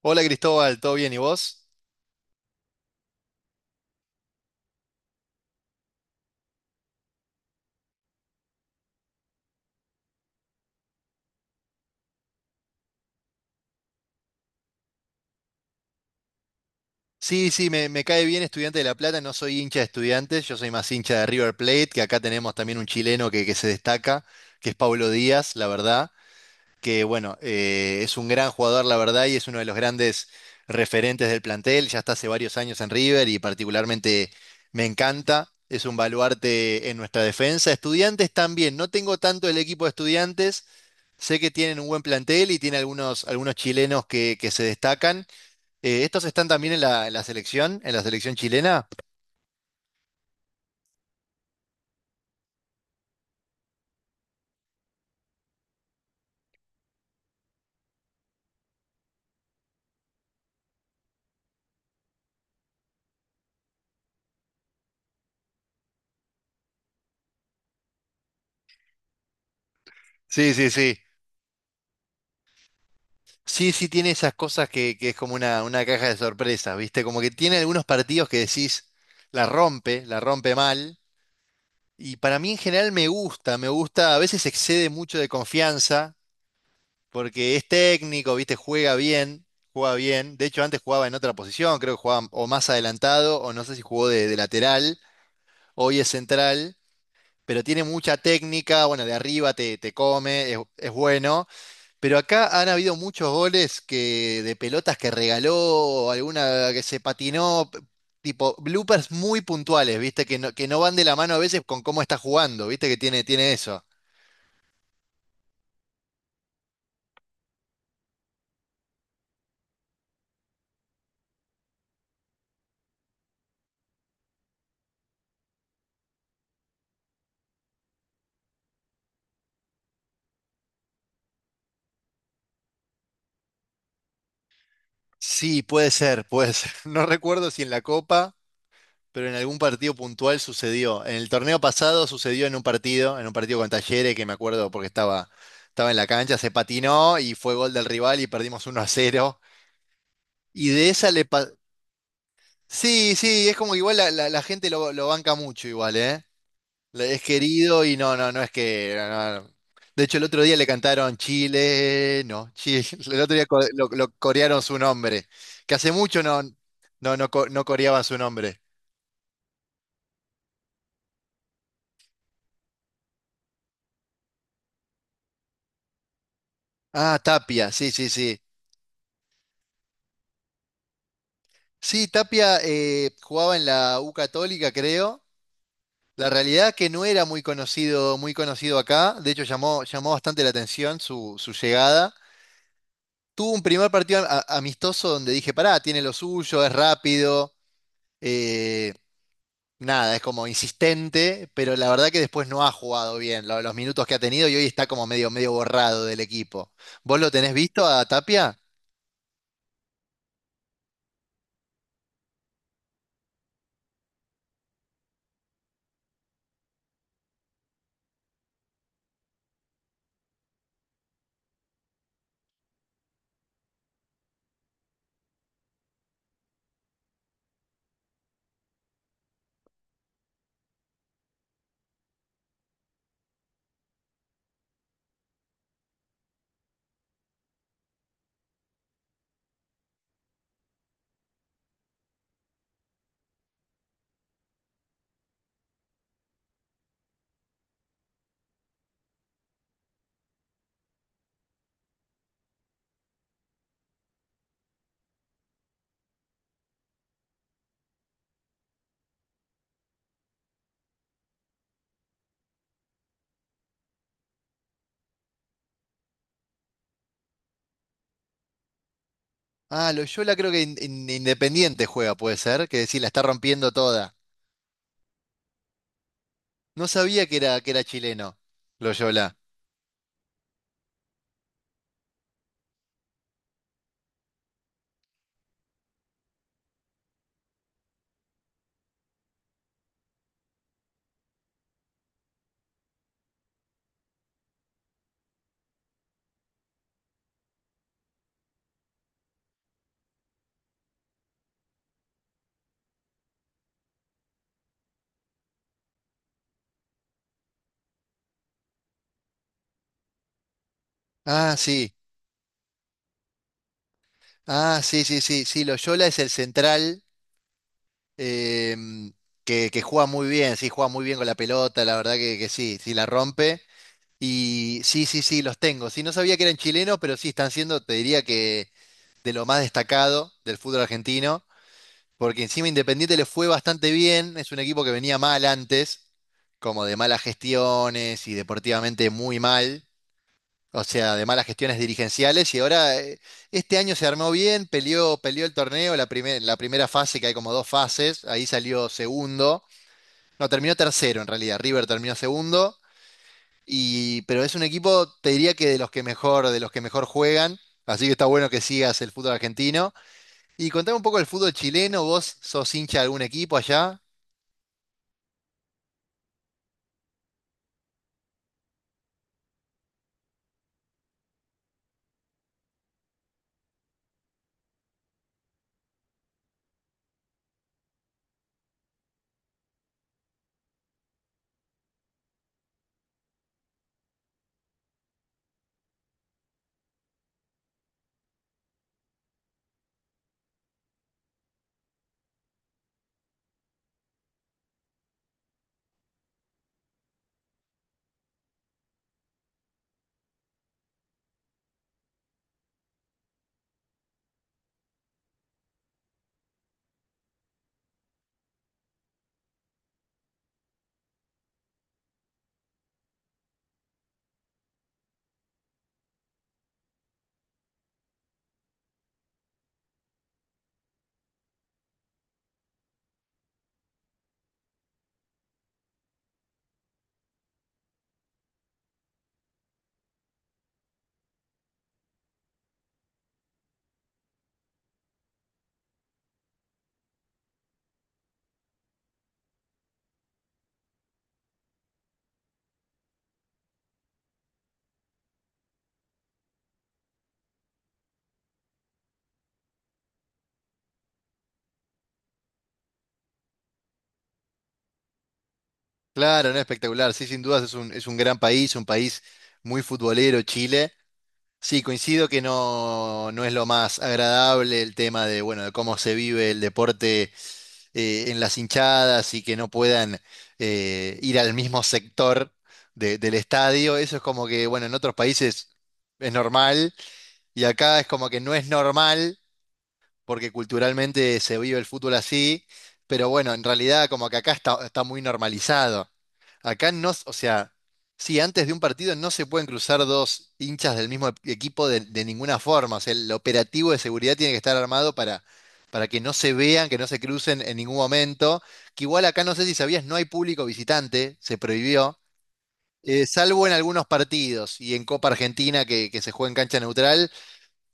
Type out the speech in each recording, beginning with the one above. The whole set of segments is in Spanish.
Hola Cristóbal, ¿todo bien? ¿Y vos? Sí, sí, me cae bien Estudiante de La Plata, no soy hincha de Estudiantes, yo soy más hincha de River Plate, que acá tenemos también un chileno que se destaca, que es Pablo Díaz, la verdad, que bueno, es un gran jugador, la verdad, y es uno de los grandes referentes del plantel, ya está hace varios años en River y particularmente me encanta, es un baluarte en nuestra defensa. Estudiantes también, no tengo tanto el equipo de Estudiantes, sé que tienen un buen plantel y tiene algunos, algunos chilenos que se destacan. ¿Estos están también en la selección, en la selección chilena? Sí, sí, sí. Sí, sí, tiene esas cosas que es como una caja de sorpresas, ¿viste? Como que tiene algunos partidos que decís, la rompe mal. Y para mí en general me gusta, a veces excede mucho de confianza, porque es técnico, ¿viste? Juega bien, juega bien. De hecho, antes jugaba en otra posición, creo que jugaba o más adelantado, o no sé si jugó de lateral, hoy es central. Pero tiene mucha técnica, bueno, de arriba te come, es bueno, pero acá han habido muchos goles que, de pelotas que regaló, alguna que se patinó, tipo bloopers muy puntuales, ¿viste? Que no van de la mano a veces con cómo está jugando, ¿viste? Que tiene, tiene eso. Sí, puede ser, puede ser. No recuerdo si en la Copa. Pero en algún partido puntual sucedió. En el torneo pasado sucedió en un partido con Talleres, que me acuerdo porque estaba, estaba en la cancha, se patinó y fue gol del rival y perdimos uno a cero. Y de esa sí, sí, es como que igual la gente lo banca mucho igual, ¿eh? Es querido y no, no, no es que... no, no. No. De hecho, el otro día le cantaron Chile, no, Chile. El otro día lo corearon su nombre, que hace mucho no coreaban su nombre. Ah, Tapia, sí, sí, sí. Sí, Tapia jugaba en la U Católica, creo. La realidad es que no era muy conocido acá. De hecho, llamó, llamó bastante la atención su, su llegada. Tuvo un primer partido amistoso donde dije, pará, tiene lo suyo, es rápido, eh, nada, es como insistente, pero la verdad que después no ha jugado bien los minutos que ha tenido y hoy está como medio, medio borrado del equipo. ¿Vos lo tenés visto a Tapia? Ah, Loyola creo que Independiente juega, puede ser, que decir, la está rompiendo toda. No sabía que era chileno, Loyola. Ah, sí. Ah, sí, sí, sí. Sí, Loyola es el central em, que juega muy bien. Sí, juega muy bien con la pelota, la verdad que sí, sí la rompe. Y sí, sí, sí, los tengo. Sí, no sabía que eran chilenos, pero sí están siendo, te diría que de lo más destacado del fútbol argentino, porque encima Independiente le fue bastante bien. Es un equipo que venía mal antes, como de malas gestiones y deportivamente muy mal. O sea, de malas gestiones dirigenciales y ahora este año se armó bien, peleó, peleó el torneo, la primera fase, que hay como dos fases, ahí salió segundo, no, terminó tercero en realidad, River terminó segundo, pero es un equipo, te diría que de los que mejor, de los que mejor juegan, así que está bueno que sigas el fútbol argentino. Y contame un poco el fútbol chileno, vos sos hincha de algún equipo allá. Claro, no espectacular, sí, sin dudas es un gran país, un país muy futbolero, Chile. Sí, coincido que no, no es lo más agradable el tema de, bueno, de cómo se vive el deporte en las hinchadas y que no puedan ir al mismo sector del estadio. Eso es como que, bueno, en otros países es normal y acá es como que no es normal porque culturalmente se vive el fútbol así, pero bueno, en realidad como que acá está, está muy normalizado. Acá no, o sea, sí, antes de un partido no se pueden cruzar dos hinchas del mismo equipo de ninguna forma. O sea, el operativo de seguridad tiene que estar armado para que no se vean, que no se crucen en ningún momento. Que igual acá no sé si sabías, no hay público visitante, se prohibió. Salvo en algunos partidos y en Copa Argentina que se juega en cancha neutral,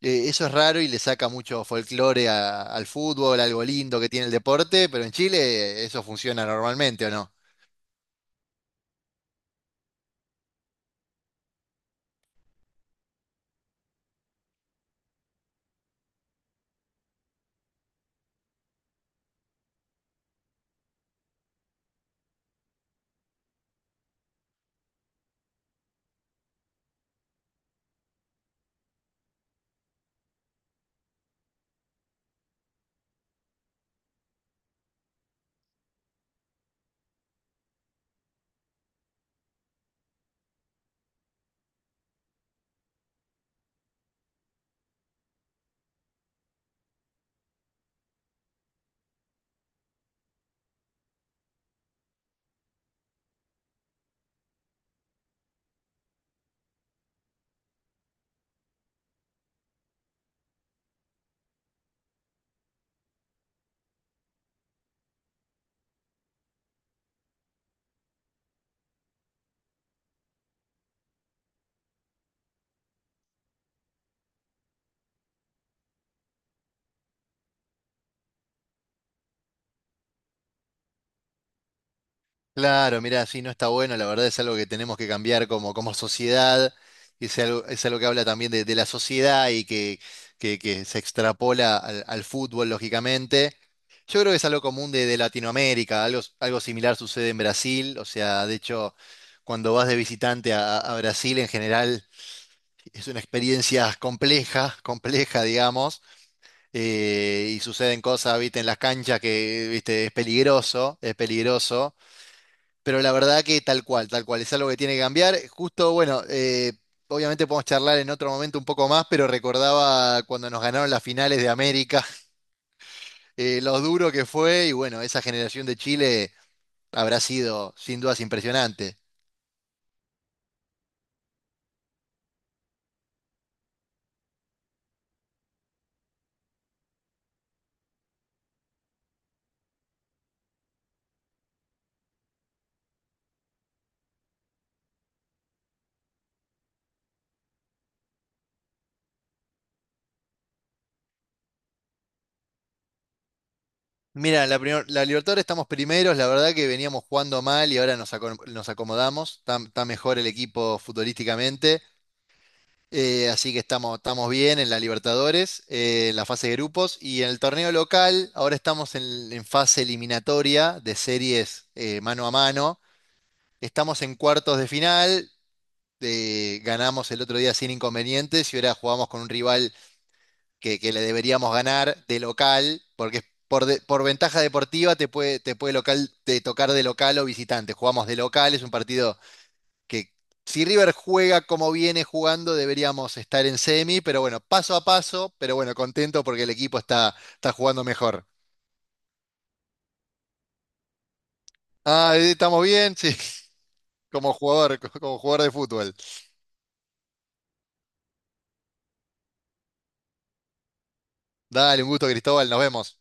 eso es raro y le saca mucho folclore al fútbol, algo lindo que tiene el deporte, pero en Chile eso funciona normalmente, ¿o no? Claro, mirá, sí, no está bueno, la verdad es algo que tenemos que cambiar como, como sociedad, es algo que habla también de la sociedad y que se extrapola al, al fútbol, lógicamente. Yo creo que es algo común de Latinoamérica, algo, algo similar sucede en Brasil, o sea, de hecho, cuando vas de visitante a Brasil en general. Es una experiencia compleja, compleja, digamos, y suceden cosas, viste, en las canchas que, viste, es peligroso, pero la verdad que tal cual, es algo que tiene que cambiar. Justo, bueno, obviamente podemos charlar en otro momento un poco más, pero recordaba cuando nos ganaron las finales de América, lo duro que fue, y bueno, esa generación de Chile habrá sido sin dudas impresionante. Mira, la, la Libertadores estamos primeros, la verdad que veníamos jugando mal y ahora nos, nos acomodamos, está, está mejor el equipo futbolísticamente, así que estamos, estamos bien en la Libertadores, en la fase de grupos y en el torneo local, ahora estamos en fase eliminatoria de series mano a mano, estamos en cuartos de final, ganamos el otro día sin inconvenientes y ahora jugamos con un rival que le deberíamos ganar de local, porque por, por ventaja deportiva te puede local, te tocar de local o visitante. Jugamos de local, es un partido que si River juega como viene jugando, deberíamos estar en semi, pero bueno, paso a paso, pero bueno, contento porque el equipo está, está jugando mejor. Ah, estamos bien, sí, como jugador de fútbol. Dale, un gusto, Cristóbal, nos vemos.